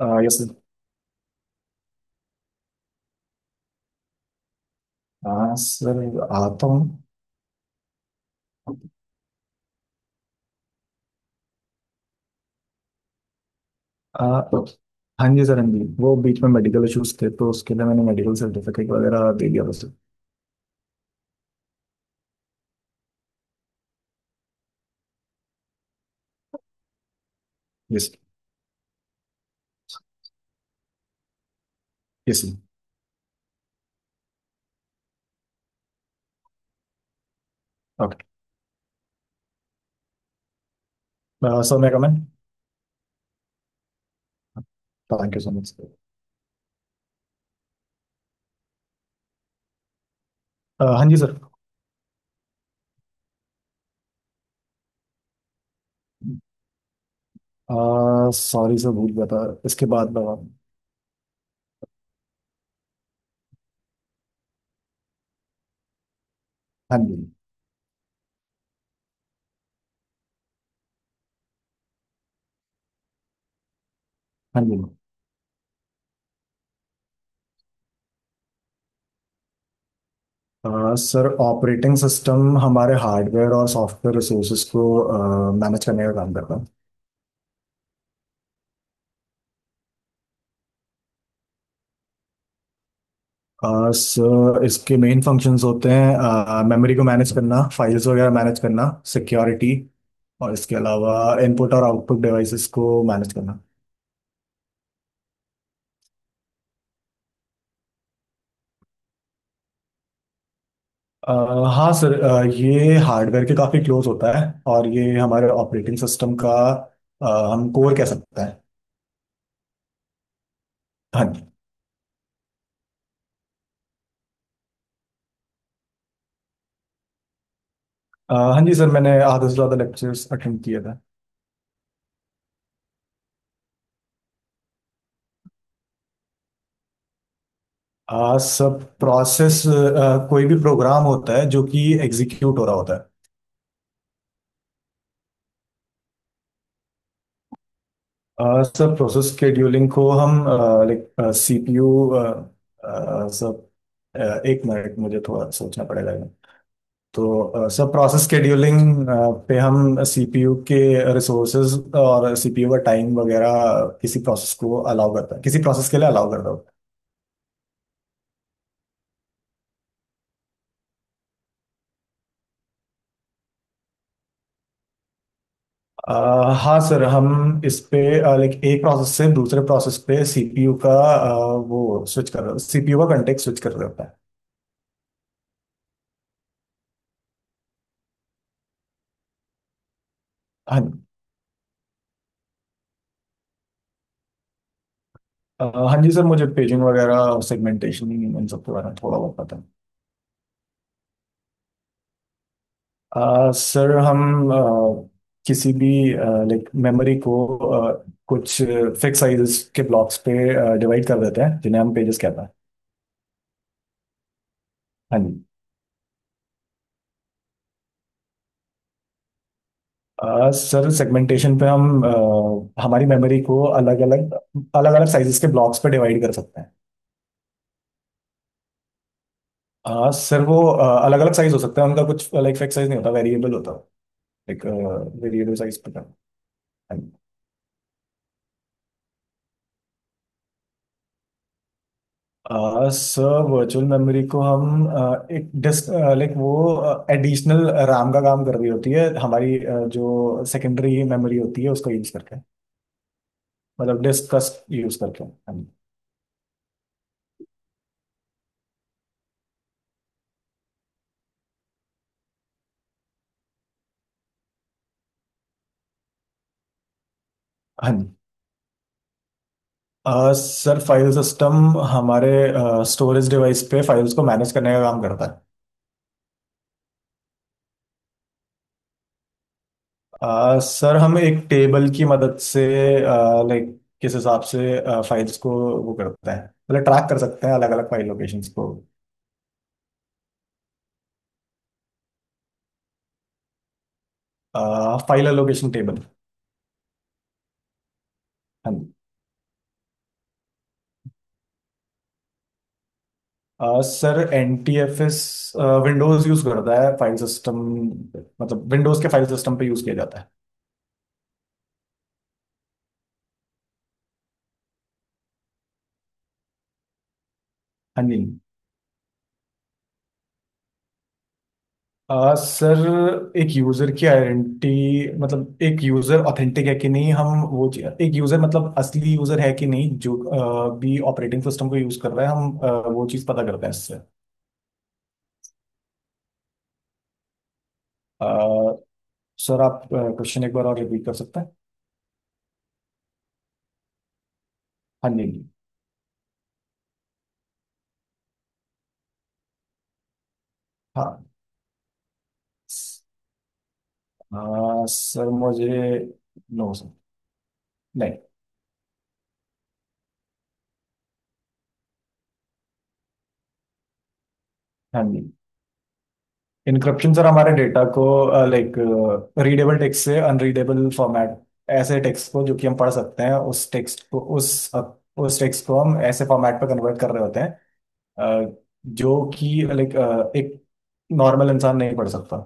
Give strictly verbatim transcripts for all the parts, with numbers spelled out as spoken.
आ, yes sir. हाँ sir, आता हूँ। आ, हाँ जी सर, हाँ जी वो बीच में मेडिकल इश्यूज थे तो उसके लिए मैंने मेडिकल सर्टिफिकेट वगैरह दे दिया था sir. Yes. Yes sir. Okay. Sir मैं comment. Thank you so much sir. आ, हाँ जी सर। सॉरी सर, भूल गया था। इसके बाद आ, हाँ जी। हाँ जी। आ, सर, ऑपरेटिंग सिस्टम हमारे हार्डवेयर और सॉफ्टवेयर रिसोर्सेज को मैनेज करने का काम करता है। आ, सर, इसके मेन फंक्शंस होते हैं मेमोरी को मैनेज करना, फाइल्स वगैरह मैनेज करना, सिक्योरिटी, और इसके अलावा इनपुट और आउटपुट डिवाइसेस को मैनेज करना। आ, हाँ सर, आ, ये हार्डवेयर के काफ़ी क्लोज होता है। और ये हमारे ऑपरेटिंग सिस्टम का आ, हम कोर कह सकते हैं। हाँ जी। आ, हाँ जी सर, मैंने आधे से ज़्यादा लेक्चर्स अटेंड किया था। आ, सब प्रोसेस, कोई भी प्रोग्राम होता है जो कि एग्जीक्यूट हो रहा होता है। अ, सर, प्रोसेस स्केड्यूलिंग को हम लाइक सीपीयू सब अ, एक मिनट, मुझे थोड़ा सोचना पड़ेगा ये। तो अ, सर, प्रोसेस स्केड्यूलिंग पे हम सीपीयू के रिसोर्सेज और सीपीयू का टाइम वगैरह किसी प्रोसेस को अलाउ करता है, किसी प्रोसेस के लिए अलाउ करता है। अ, हाँ सर, हम इस पे लाइक एक प्रोसेस से दूसरे प्रोसेस पे सीपीयू का अ, वो स्विच कर रहे हो, सीपीयू का कंटेक्ट स्विच कर रहे होता है। हाँ। अ, हाँ जी सर, मुझे पेजिंग वगैरह सेगमेंटेशन इन सब के बारे में थोड़ा बहुत पता है। अ, सर, हम अ, किसी भी लाइक मेमोरी को अ, कुछ फिक्स साइजेस के ब्लॉक्स पे डिवाइड कर देते हैं जिन्हें हम पेजेस कहते हैं। हाँ जी। अ, सर, सेगमेंटेशन पे हम अ, हमारी मेमोरी को अलग अलग, अलग अलग साइजेस के ब्लॉक्स पे डिवाइड कर सकते हैं। अ, सर, वो अलग अलग साइज हो सकते हैं, उनका कुछ लाइक फिक्स साइज नहीं होता, वेरिएबल होता है। लाइक वेरिएबल साइज पे, हाँ जी। सर, वर्चुअल मेमोरी को हम अ, एक डिस्क, लाइक वो एडिशनल रैम का काम कर रही होती है हमारी, अ, जो सेकेंडरी मेमोरी होती है उसको यूज करके, मतलब डिस्क का। यूज करके, हाँ जी। हाँ जी। अ, सर, फाइल सिस्टम हमारे स्टोरेज डिवाइस पे फाइल्स को मैनेज करने का काम करता है। अ, सर, हम एक टेबल की मदद से लाइक किस हिसाब से फाइल्स को वो करते हैं, मतलब ट्रैक कर सकते हैं अलग अलग फाइल लोकेशंस को। File allocation table. आ, sir, N T F S Windows use करता है फाइल सिस्टम, मतलब विंडोज के फाइल सिस्टम पे यूज किया जाता है। हाँ जी। आ, सर, एक यूजर की आइडेंटिटी, मतलब एक यूजर ऑथेंटिक है कि नहीं, हम वो चीज़- एक यूजर मतलब असली यूजर है कि नहीं जो आ, भी ऑपरेटिंग सिस्टम को यूज कर रहा है, हम आ, वो चीज पता करते हैं इससे। आ, सर, आप क्वेश्चन एक बार और रिपीट कर सकते हैं? हाँ जी जी, हाँ। आ, सर, मुझे। No sir. नहीं। हाँ जी। इनक्रिप्शन सर, हमारे डेटा को लाइक रीडेबल टेक्स्ट से अनरीडेबल फॉर्मेट, ऐसे टेक्स्ट को जो कि हम पढ़ सकते हैं उस टेक्स्ट को उस अ, उस टेक्स्ट को हम ऐसे फॉर्मेट पर कन्वर्ट कर रहे होते हैं, अ, जो कि लाइक एक नॉर्मल इंसान नहीं पढ़ सकता।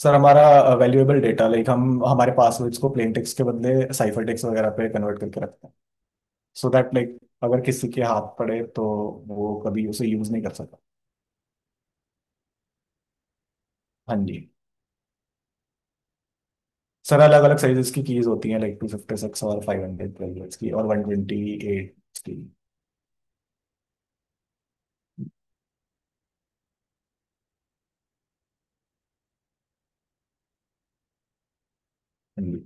सर, हमारा वैल्यूएबल डेटा, लाइक हम हमारे पासवर्ड्स को प्लेन टेक्स्ट के बदले साइफर टेक्स्ट वगैरह पे कन्वर्ट करके रखते हैं। सो दैट लाइक, अगर किसी के हाथ पड़े तो। वो कभी उसे यूज नहीं कर सकता। हाँ जी। सर, अलग अलग साइजेस की कीज होती हैं लाइक टू फिफ्टी सिक्स और फाइव हंड्रेड ट्वेल्व की और वन ट्वेंटी एट की। हम्म।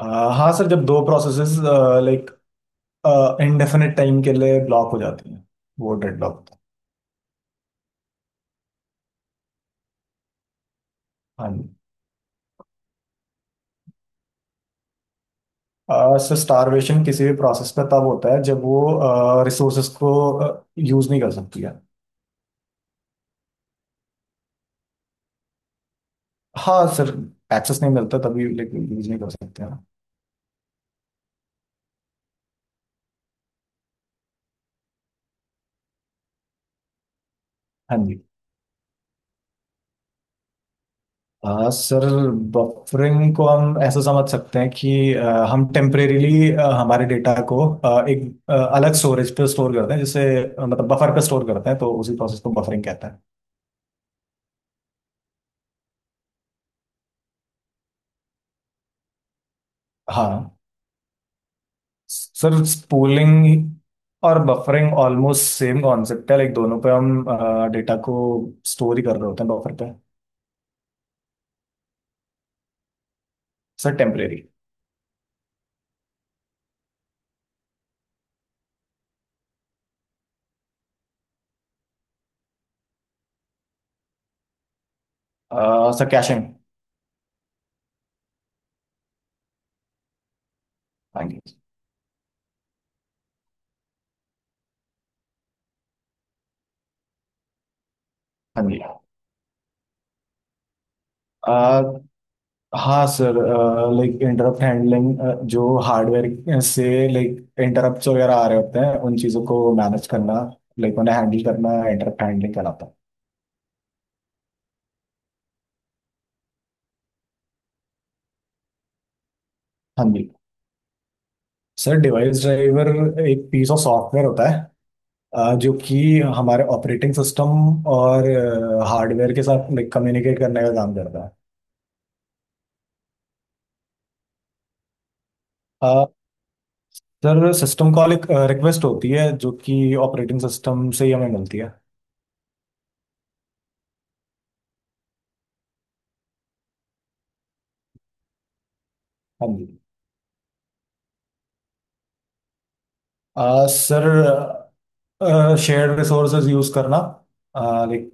आ, हाँ सर, जब दो प्रोसेसेस लाइक इनडेफिनेट टाइम के लिए ब्लॉक हो जाती हैं वो डेडलॉक होता है। हाँ जी। आ, सर, स्टारवेशन किसी भी प्रोसेस पे तब होता है जब वो रिसोर्सेस को यूज नहीं कर सकती है। हाँ सर, एक्सेस नहीं मिलता तभी, लाइक यूज नहीं कर सकते हैं। हाँ जी। आ, सर, बफरिंग को हम ऐसा समझ सकते हैं कि आ, हम टेम्परेरीली हमारे डेटा को आ, एक आ, अलग स्टोरेज पे स्टोर करते हैं जिसे आ, मतलब बफर पे स्टोर करते हैं, तो उसी प्रोसेस को बफरिंग कहते हैं। हाँ सर, स्पूलिंग और बफरिंग ऑलमोस्ट सेम कॉन्सेप्ट है लाइक दोनों पे हम आ, डेटा को स्टोर ही कर रहे होते हैं बफर पे। Sir, temporary. Sir, caching. हाँ जी। हाँ जी। हाँ सर, लाइक इंटरप्ट हैंडलिंग, जो हार्डवेयर से लाइक इंटरप्ट्स वगैरह आ रहे होते हैं उन चीज़ों को मैनेज करना, लाइक उन्हें हैंडल करना इंटरप्ट हैंडलिंग कहलाता है। हाँ जी। सर, डिवाइस ड्राइवर एक पीस ऑफ सॉफ्टवेयर होता है। अ, जो कि हमारे ऑपरेटिंग सिस्टम और हार्डवेयर के साथ लाइक कम्युनिकेट करने का काम करता है। अ, सर, सिस्टम कॉल एक रिक्वेस्ट होती है जो कि ऑपरेटिंग सिस्टम से ही हमें मिलती है। हाँ जी। आ, सर, शेयर्ड रिसोर्सेज यूज करना, लाइक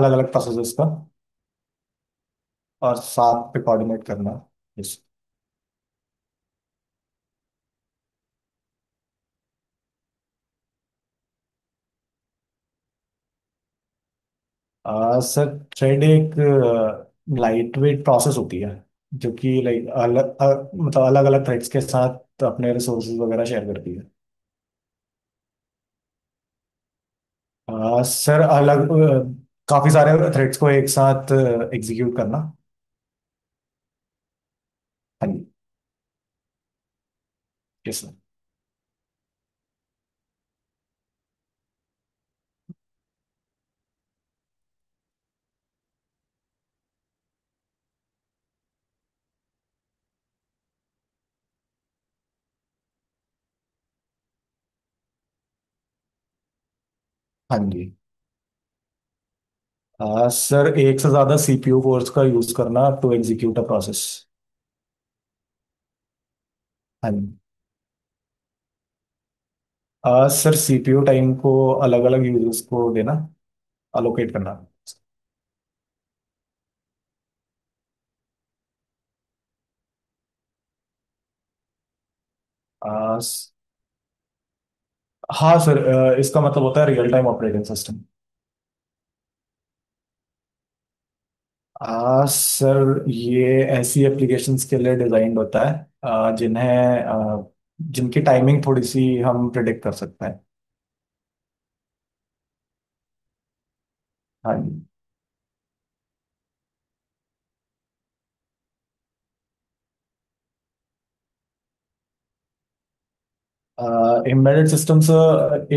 अलग अलग प्रोसेसेस का, और साथ पे कोऑर्डिनेट करना। यस। सर, थ्रेड एक लाइट वेट प्रोसेस होती है जो कि लाइक अलग अ, मतलब अलग अलग थ्रेड्स के साथ अपने रिसोर्सेज वगैरह शेयर करती है। आ, सर, अलग अ, काफी सारे थ्रेड्स को एक साथ एग्जीक्यूट करना। हाँ जी। Yes sir. हाँ जी। आ, सर, एक से ज्यादा सीपीयू कोर्स का यूज करना टू एग्जीक्यूट अ प्रोसेस। हाँ जी। आ, सर, सीपीयू टाइम को अलग अलग यूजर्स को देना, अलोकेट करना। आ, स- हाँ सर, आ, इसका मतलब होता है रियल टाइम ऑपरेटिंग सिस्टम। आ, सर, ये ऐसी एप्लीकेशंस के लिए डिजाइन होता है, आ, जिन्हें आ, जिनकी टाइमिंग थोड़ी सी हम प्रिडिक्ट कर सकते हैं। हाँ जी। एम्बेडेड सिस्टम्स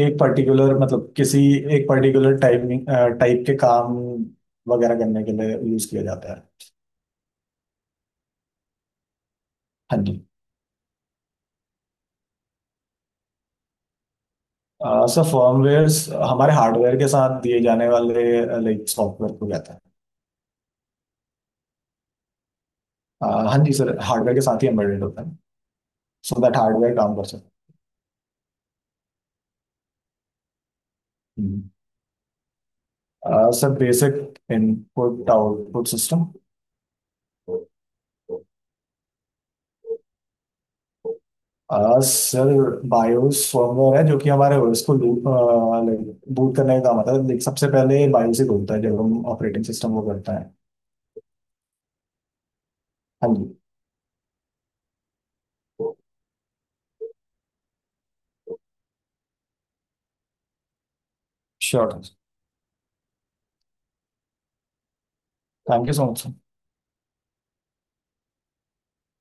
एक पर्टिकुलर, मतलब किसी एक पर्टिकुलर टाइमिंग टाइप के काम वगैरह करने के लिए यूज किया जाता है। हाँ जी। आ, सर, फर्मवेयर हमारे हार्डवेयर के साथ दिए जाने वाले लाइक सॉफ्टवेयर को कहते हैं। अह, हाँ जी सर, हार्डवेयर के साथ ही एम्बेडेड होता है। सो दैट हार्डवेयर काम कर सके। हम्म। आ, sir, basic input output system. Sir, BIOS firmware है जो कि हमारे ओएस को लाइक बूट करने का काम आता है, लाइक सबसे पहले बायोस ही खुलता है जब हम ऑपरेटिंग सिस्टम को करते हैं। हाँ जी। Sure. Thank you so much.